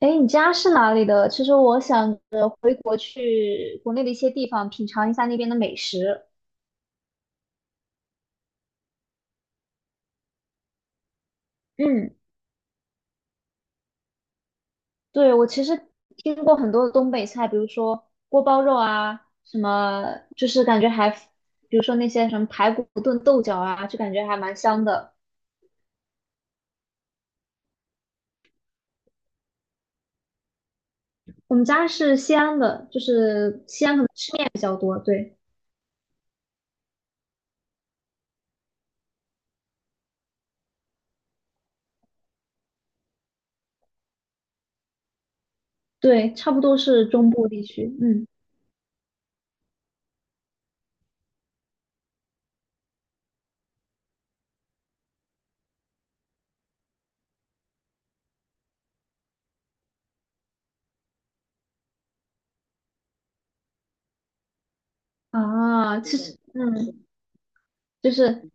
哎，诶你家是哪里的？其实我想着回国去国内的一些地方品尝一下那边的美食。嗯，对，我其实听过很多的东北菜，比如说锅包肉啊，什么就是感觉还，比如说那些什么排骨炖豆角啊，就感觉还蛮香的。我们家是西安的，就是西安可能吃面比较多，对对，差不多是中部地区。嗯啊，其实就是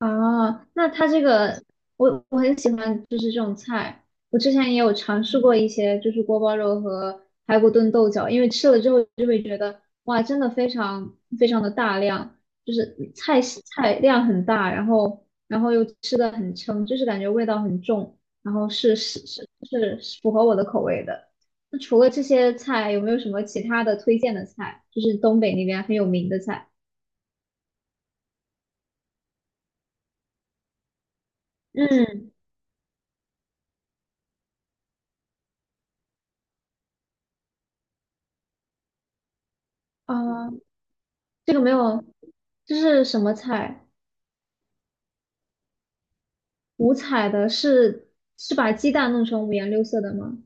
哦，那它这个我很喜欢，就是这种菜。我之前也有尝试过一些，就是锅包肉和排骨炖豆角，因为吃了之后就会觉得，哇，真的非常非常的大量，就是菜系菜量很大，然后又吃的很撑，就是感觉味道很重，然后是符合我的口味的。那除了这些菜，有没有什么其他的推荐的菜？就是东北那边很有名的菜。嗯，啊。这个没有，这是什么菜？五彩的是把鸡蛋弄成五颜六色的吗？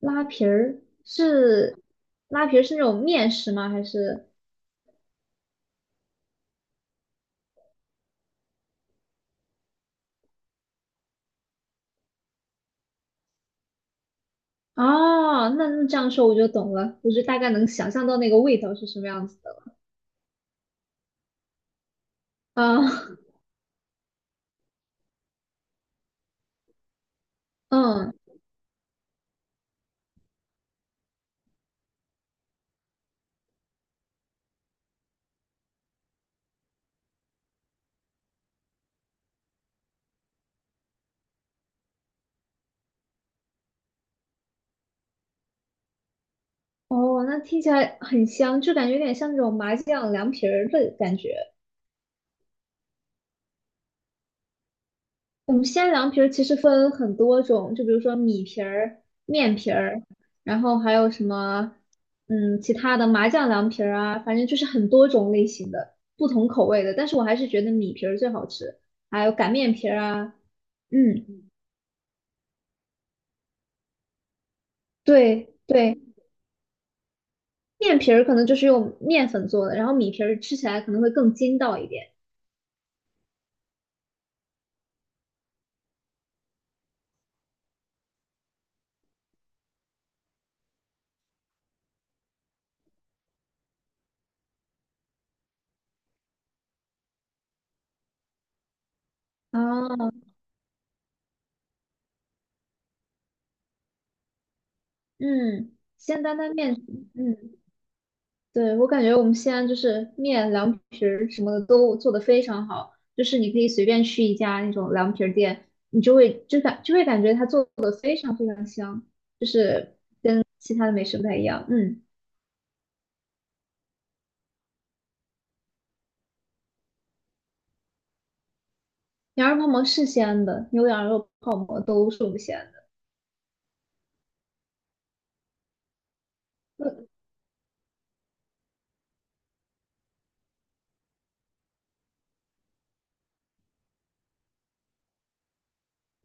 拉皮儿是那种面食吗？还是哦，那这样说我就懂了，我就大概能想象到那个味道是什么样子的了。啊，嗯，哦，那听起来很香，就感觉有点像那种麻酱凉皮儿的感觉。我们西安凉皮儿其实分很多种，就比如说米皮儿、面皮儿，然后还有什么，嗯，其他的麻酱凉皮儿啊，反正就是很多种类型的，不同口味的。但是我还是觉得米皮儿最好吃，还有擀面皮儿啊，嗯，对对，面皮儿可能就是用面粉做的，然后米皮儿吃起来可能会更筋道一点。啊，嗯，鲜担担面，嗯。对，我感觉我们西安就是面、凉皮儿什么的都做得非常好，就是你可以随便去一家那种凉皮儿店，你就会感觉它做的非常非常香，就是跟其他的美食不太一样。嗯，羊肉泡馍是西安的，牛羊肉泡馍都是我们西安的。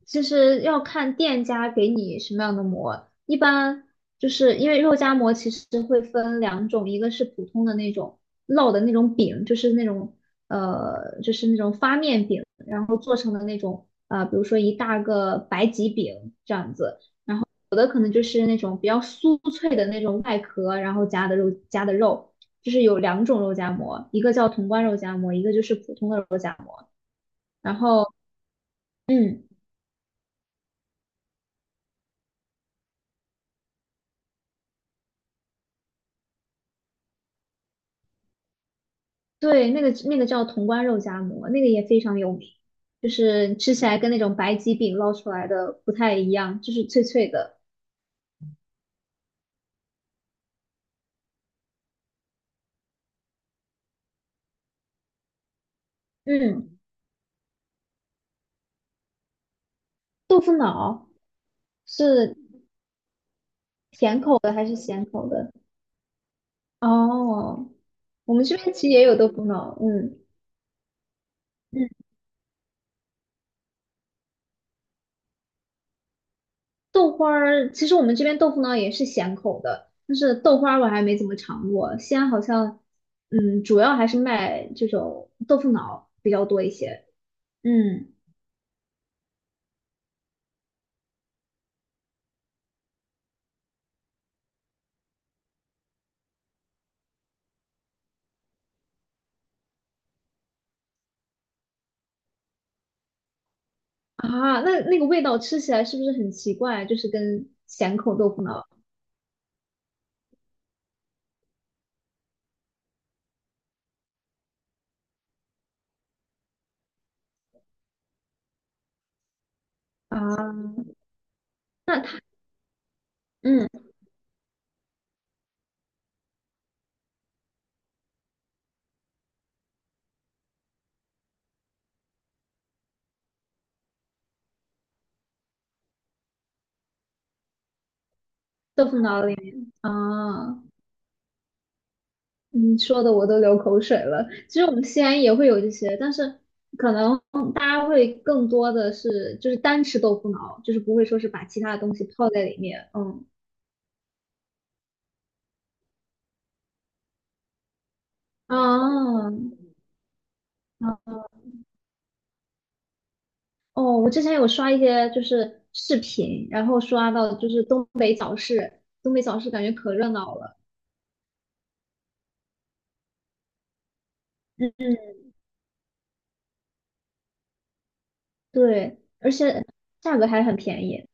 其实要看店家给你什么样的膜，一般就是因为肉夹馍其实会分两种，一个是普通的那种烙的那种饼，就是那种就是那种发面饼，然后做成的那种比如说一大个白吉饼这样子，有的可能就是那种比较酥脆的那种外壳，然后夹的肉，就是有两种肉夹馍，一个叫潼关肉夹馍，一个就是普通的肉夹馍，然后嗯。对，那个叫潼关肉夹馍，那个也非常有名，就是吃起来跟那种白吉饼烙出来的不太一样，就是脆脆的。嗯，豆腐脑是甜口的还是咸口的？哦，我们这边其实也有豆腐脑，嗯嗯，豆花儿，其实我们这边豆腐脑也是咸口的，但是豆花儿我还没怎么尝过，西安好像，嗯，主要还是卖这种豆腐脑比较多一些，嗯。啊，那那个味道吃起来是不是很奇怪？就是跟咸口豆腐脑啊，那它嗯，豆腐脑里面啊，你说的我都流口水了。其实我们西安也会有这些，但是可能大家会更多的是就是单吃豆腐脑，就是不会说是把其他的东西泡在里面。嗯啊。啊哦，我之前有刷一些就是视频，然后刷到就是东北早市，东北早市感觉可热闹了。嗯，对，而且价格还很便宜。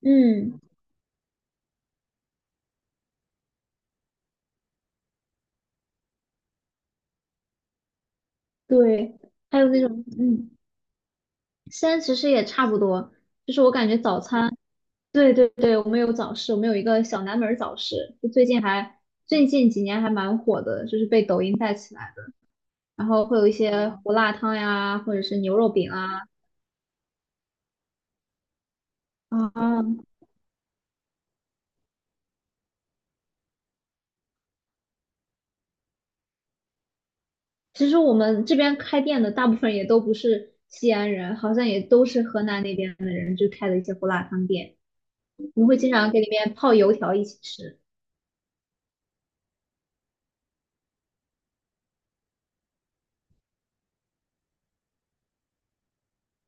嗯，对，还有那种，嗯，西安其实也差不多，就是我感觉早餐，对对对，我们有早市，我们有一个小南门儿早市，就最近几年还蛮火的，就是被抖音带起来的。然后会有一些胡辣汤呀，或者是牛肉饼啊啊。其实我们这边开店的大部分也都不是西安人，好像也都是河南那边的人，就开的一些胡辣汤店。我们会经常给里面泡油条一起吃。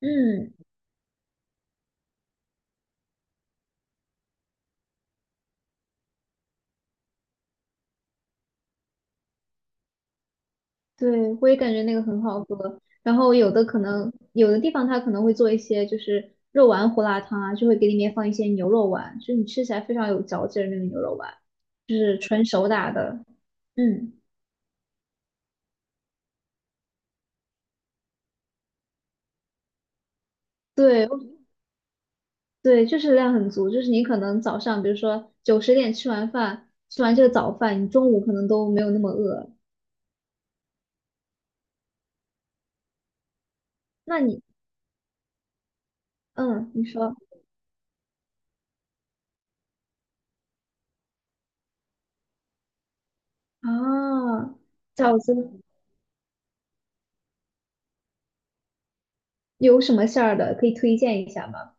嗯，对，我也感觉那个很好喝。然后有的可能，有的地方它可能会做一些就是肉丸胡辣汤啊，就会给里面放一些牛肉丸，就是你吃起来非常有嚼劲儿那个牛肉丸，就是纯手打的。嗯，对对，就是量很足，就是你可能早上比如说9、10点吃完饭，吃完这个早饭，你中午可能都没有那么饿。那你，嗯，你说啊，饺子有什么馅儿的可以推荐一下吗？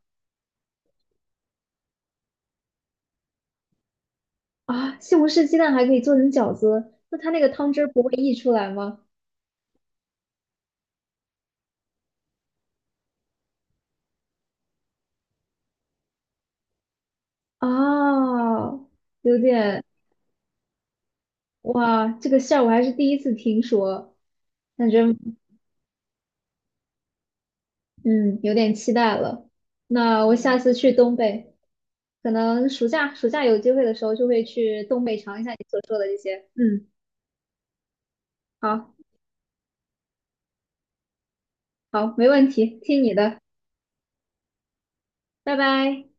啊，西红柿鸡蛋还可以做成饺子，那它那个汤汁儿不会溢出来吗？啊，有点，哇，这个馅儿我还是第一次听说，感觉嗯有点期待了。那我下次去东北，可能暑假有机会的时候就会去东北尝一下你所说的这些。嗯，好，好，没问题，听你的，拜拜。